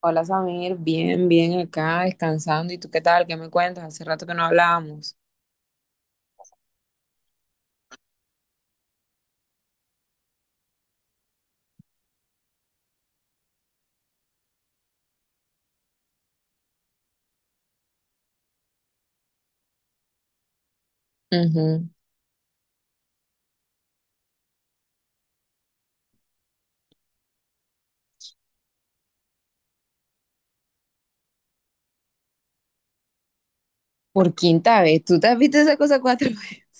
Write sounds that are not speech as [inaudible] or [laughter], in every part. Hola Samir, bien, bien acá, descansando. ¿Y tú qué tal? ¿Qué me cuentas? Hace rato que no hablábamos. Ujú. Por quinta vez, ¿tú te has visto esa cosa cuatro [laughs] veces?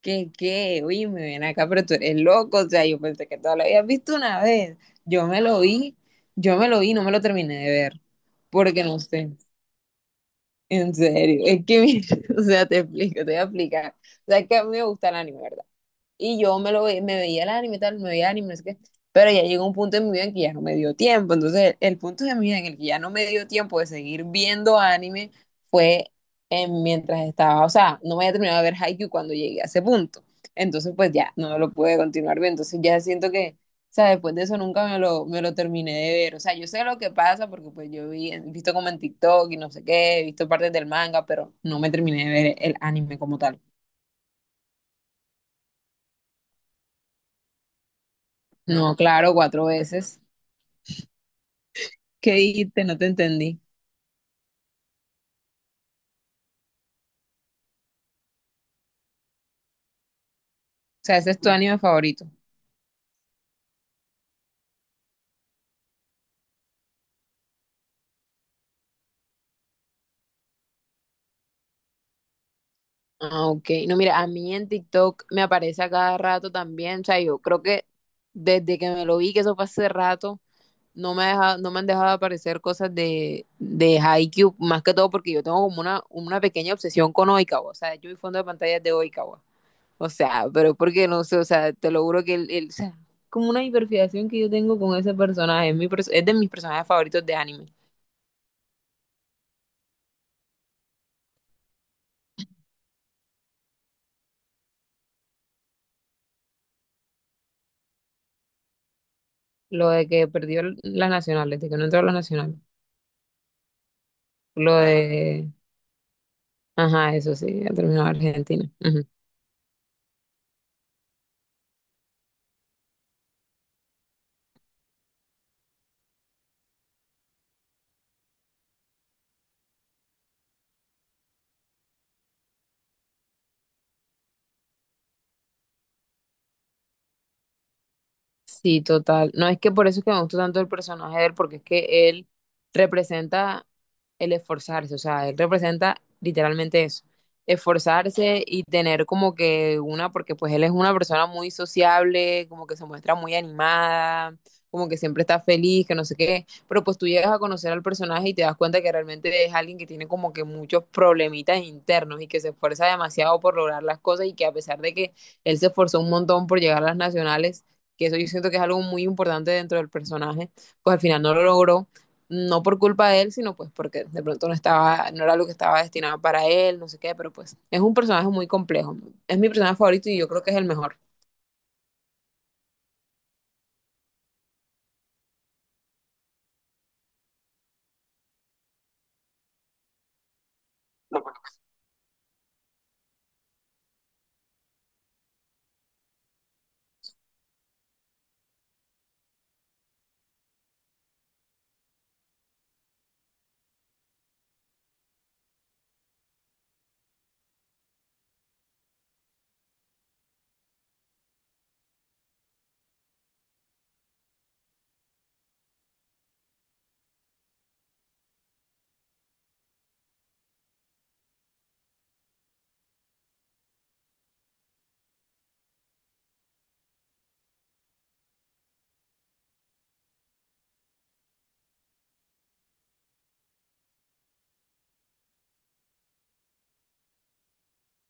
¿Qué, qué? Oye, me ven acá, pero tú eres loco. O sea, yo pensé que tú lo habías visto una vez. Yo me lo vi, yo me lo vi, no me lo terminé de ver. Porque no sé. En serio. Es que, mira, [laughs] o sea, te explico, te voy a explicar. O sea, es que a mí me gusta el anime, ¿verdad? Y yo me lo ve- me veía el anime, tal, me veía el anime, no sé qué. Pero ya llegó un punto en mi vida en que ya no me dio tiempo. Entonces, el punto de mi vida en el que ya no me dio tiempo de seguir viendo anime fue mientras estaba, o sea, no me había terminado de ver Haikyuu cuando llegué a ese punto. Entonces, pues ya, no lo pude continuar viendo. Entonces, ya siento que, o sea, después de eso nunca me lo terminé de ver. O sea, yo sé lo que pasa porque pues yo vi, he visto como en TikTok y no sé qué, he visto partes del manga, pero no me terminé de ver el anime como tal. No, claro, cuatro veces. ¿Qué dijiste? No te entendí. O sea, ese es tu anime favorito. Ah, ok. No, mira, a mí en TikTok me aparece a cada rato también. O sea, yo creo que desde que me lo vi, que eso fue hace rato, no me han dejado de aparecer cosas de Haikyuu, más que todo porque yo tengo como una pequeña obsesión con Oikawa. O sea, yo mi fondo de pantalla es de Oikawa. O sea, pero porque no sé, o sea, te lo juro que o sea, como una hiperfijación que yo tengo con ese personaje. Es de mis personajes favoritos de anime. Lo de que perdió el- Las nacionales, de que no entró a las nacionales. Lo de... Ajá, eso sí, ha terminado Argentina. Ujú. Sí, total. No es que por eso es que me gustó tanto el personaje de él, porque es que él representa el esforzarse, o sea, él representa literalmente eso, esforzarse y tener como que una, porque pues él es una persona muy sociable, como que se muestra muy animada, como que siempre está feliz, que no sé qué, pero pues tú llegas a conocer al personaje y te das cuenta que realmente es alguien que tiene como que muchos problemitas internos y que se esfuerza demasiado por lograr las cosas y que a pesar de que él se esforzó un montón por llegar a las nacionales, que eso yo siento que es algo muy importante dentro del personaje, pues al final no lo logró no por culpa de él, sino pues porque de pronto no estaba, no era lo que estaba destinado para él, no sé qué, pero pues es un personaje muy complejo. Es mi personaje favorito y yo creo que es el mejor.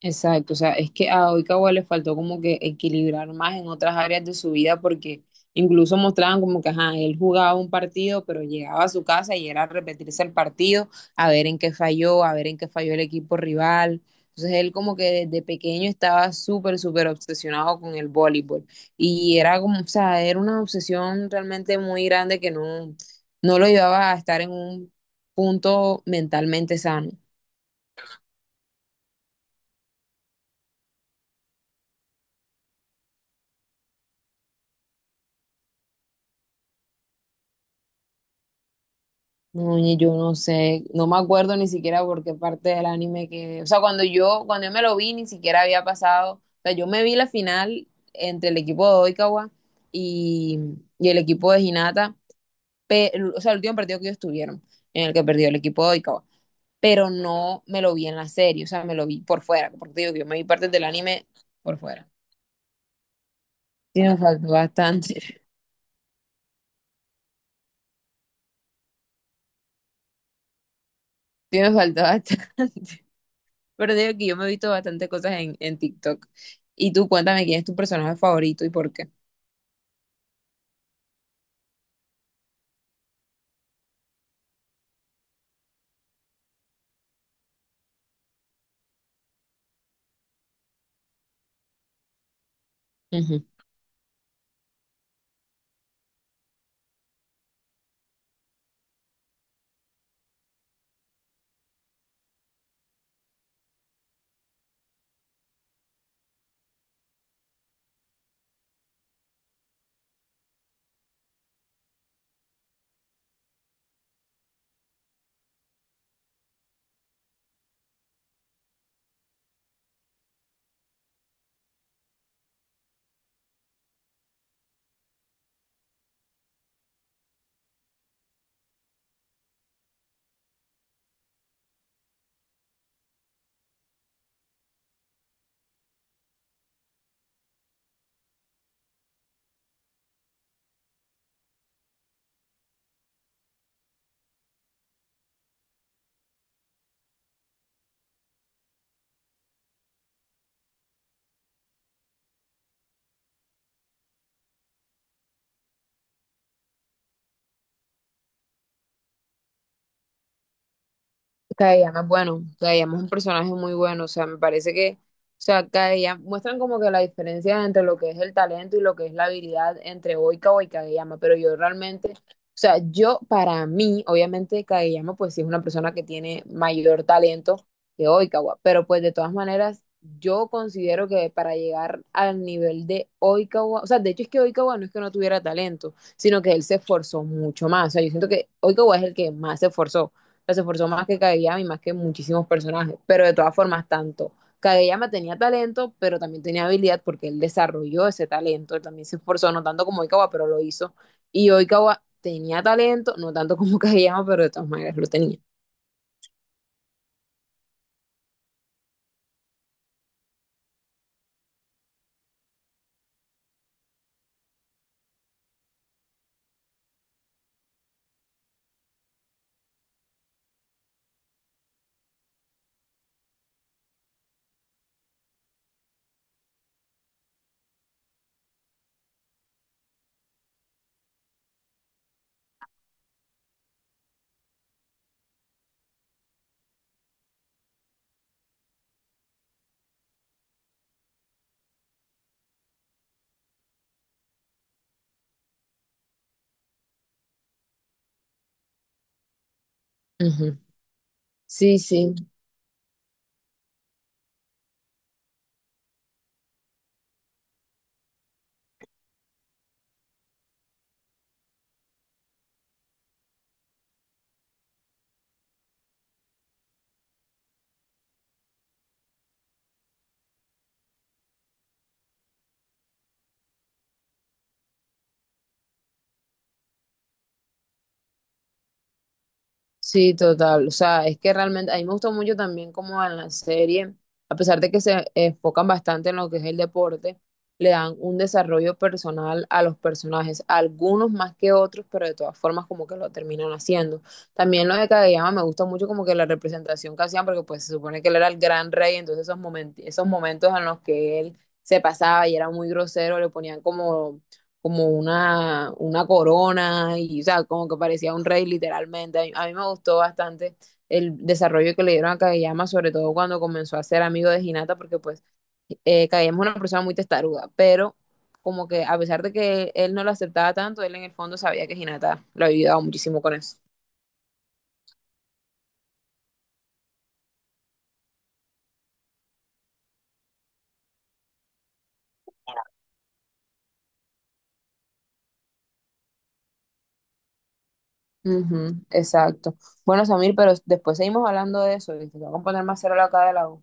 Exacto, o sea, es que a Oikawa le faltó como que equilibrar más en otras áreas de su vida porque incluso mostraban como que, ajá, él jugaba un partido, pero llegaba a su casa y era a repetirse el partido, a ver en qué falló, a ver en qué falló el equipo rival. Entonces él como que desde pequeño estaba súper, súper obsesionado con el voleibol y era como, o sea, era una obsesión realmente muy grande que no, no lo llevaba a estar en un punto mentalmente sano. No, ni yo no sé, no me acuerdo ni siquiera por qué parte del anime que, o sea, cuando yo me lo vi, ni siquiera había pasado, o sea, yo me vi la final entre el equipo de Oikawa y, y el equipo de Hinata, o sea, el último partido que ellos tuvieron, en el que perdió el equipo de Oikawa, pero no me lo vi en la serie, o sea, me lo vi por fuera, porque te digo que yo me vi partes del anime por fuera. Sí, me faltó bastante, [laughs] sí, me faltó bastante. Pero digo que yo me he visto bastante cosas en TikTok. Y tú cuéntame quién es tu personaje favorito y por qué. Kadeyama es bueno, Kadeyama es un personaje muy bueno, o sea, me parece que, o sea, Kadeyama, muestran como que la diferencia entre lo que es el talento y lo que es la habilidad entre Oikawa y Kadeyama, pero yo realmente, o sea, yo para mí, obviamente Kadeyama pues sí es una persona que tiene mayor talento que Oikawa, pero pues de todas maneras, yo considero que para llegar al nivel de Oikawa, o sea, de hecho es que Oikawa no es que no tuviera talento, sino que él se esforzó mucho más, o sea, yo siento que Oikawa es el que más se esforzó más que Kageyama y más que muchísimos personajes. Pero de todas formas, tanto Kageyama tenía talento, pero también tenía habilidad porque él desarrolló ese talento. Él también se esforzó, no tanto como Oikawa, pero lo hizo. Y Oikawa tenía talento, no tanto como [laughs] Kageyama, pero de todas maneras lo tenía. Ujú. Sí, sí. Sí, total. O sea, es que realmente a mí me gustó mucho también como en la serie, a pesar de que se enfocan bastante en lo que es el deporte, le dan un desarrollo personal a los personajes, algunos más que otros, pero de todas formas como que lo terminan haciendo. También lo de Kageyama me gusta mucho como que la representación que hacían, porque pues se supone que él era el gran rey, entonces esos momentos en los que él se pasaba y era muy grosero, le ponían como una corona y, o sea, como que parecía un rey literalmente. A mí me gustó bastante el desarrollo que le dieron a Kageyama, sobre todo cuando comenzó a ser amigo de Hinata, porque pues Kageyama es una persona muy testaruda, pero como que a pesar de que él no lo aceptaba tanto, él en el fondo sabía que Hinata lo había ayudado muchísimo con eso. Ujú, exacto. Bueno, Samir, pero después seguimos hablando de eso, ¿viste? Te voy a poner más cero la acá de la U.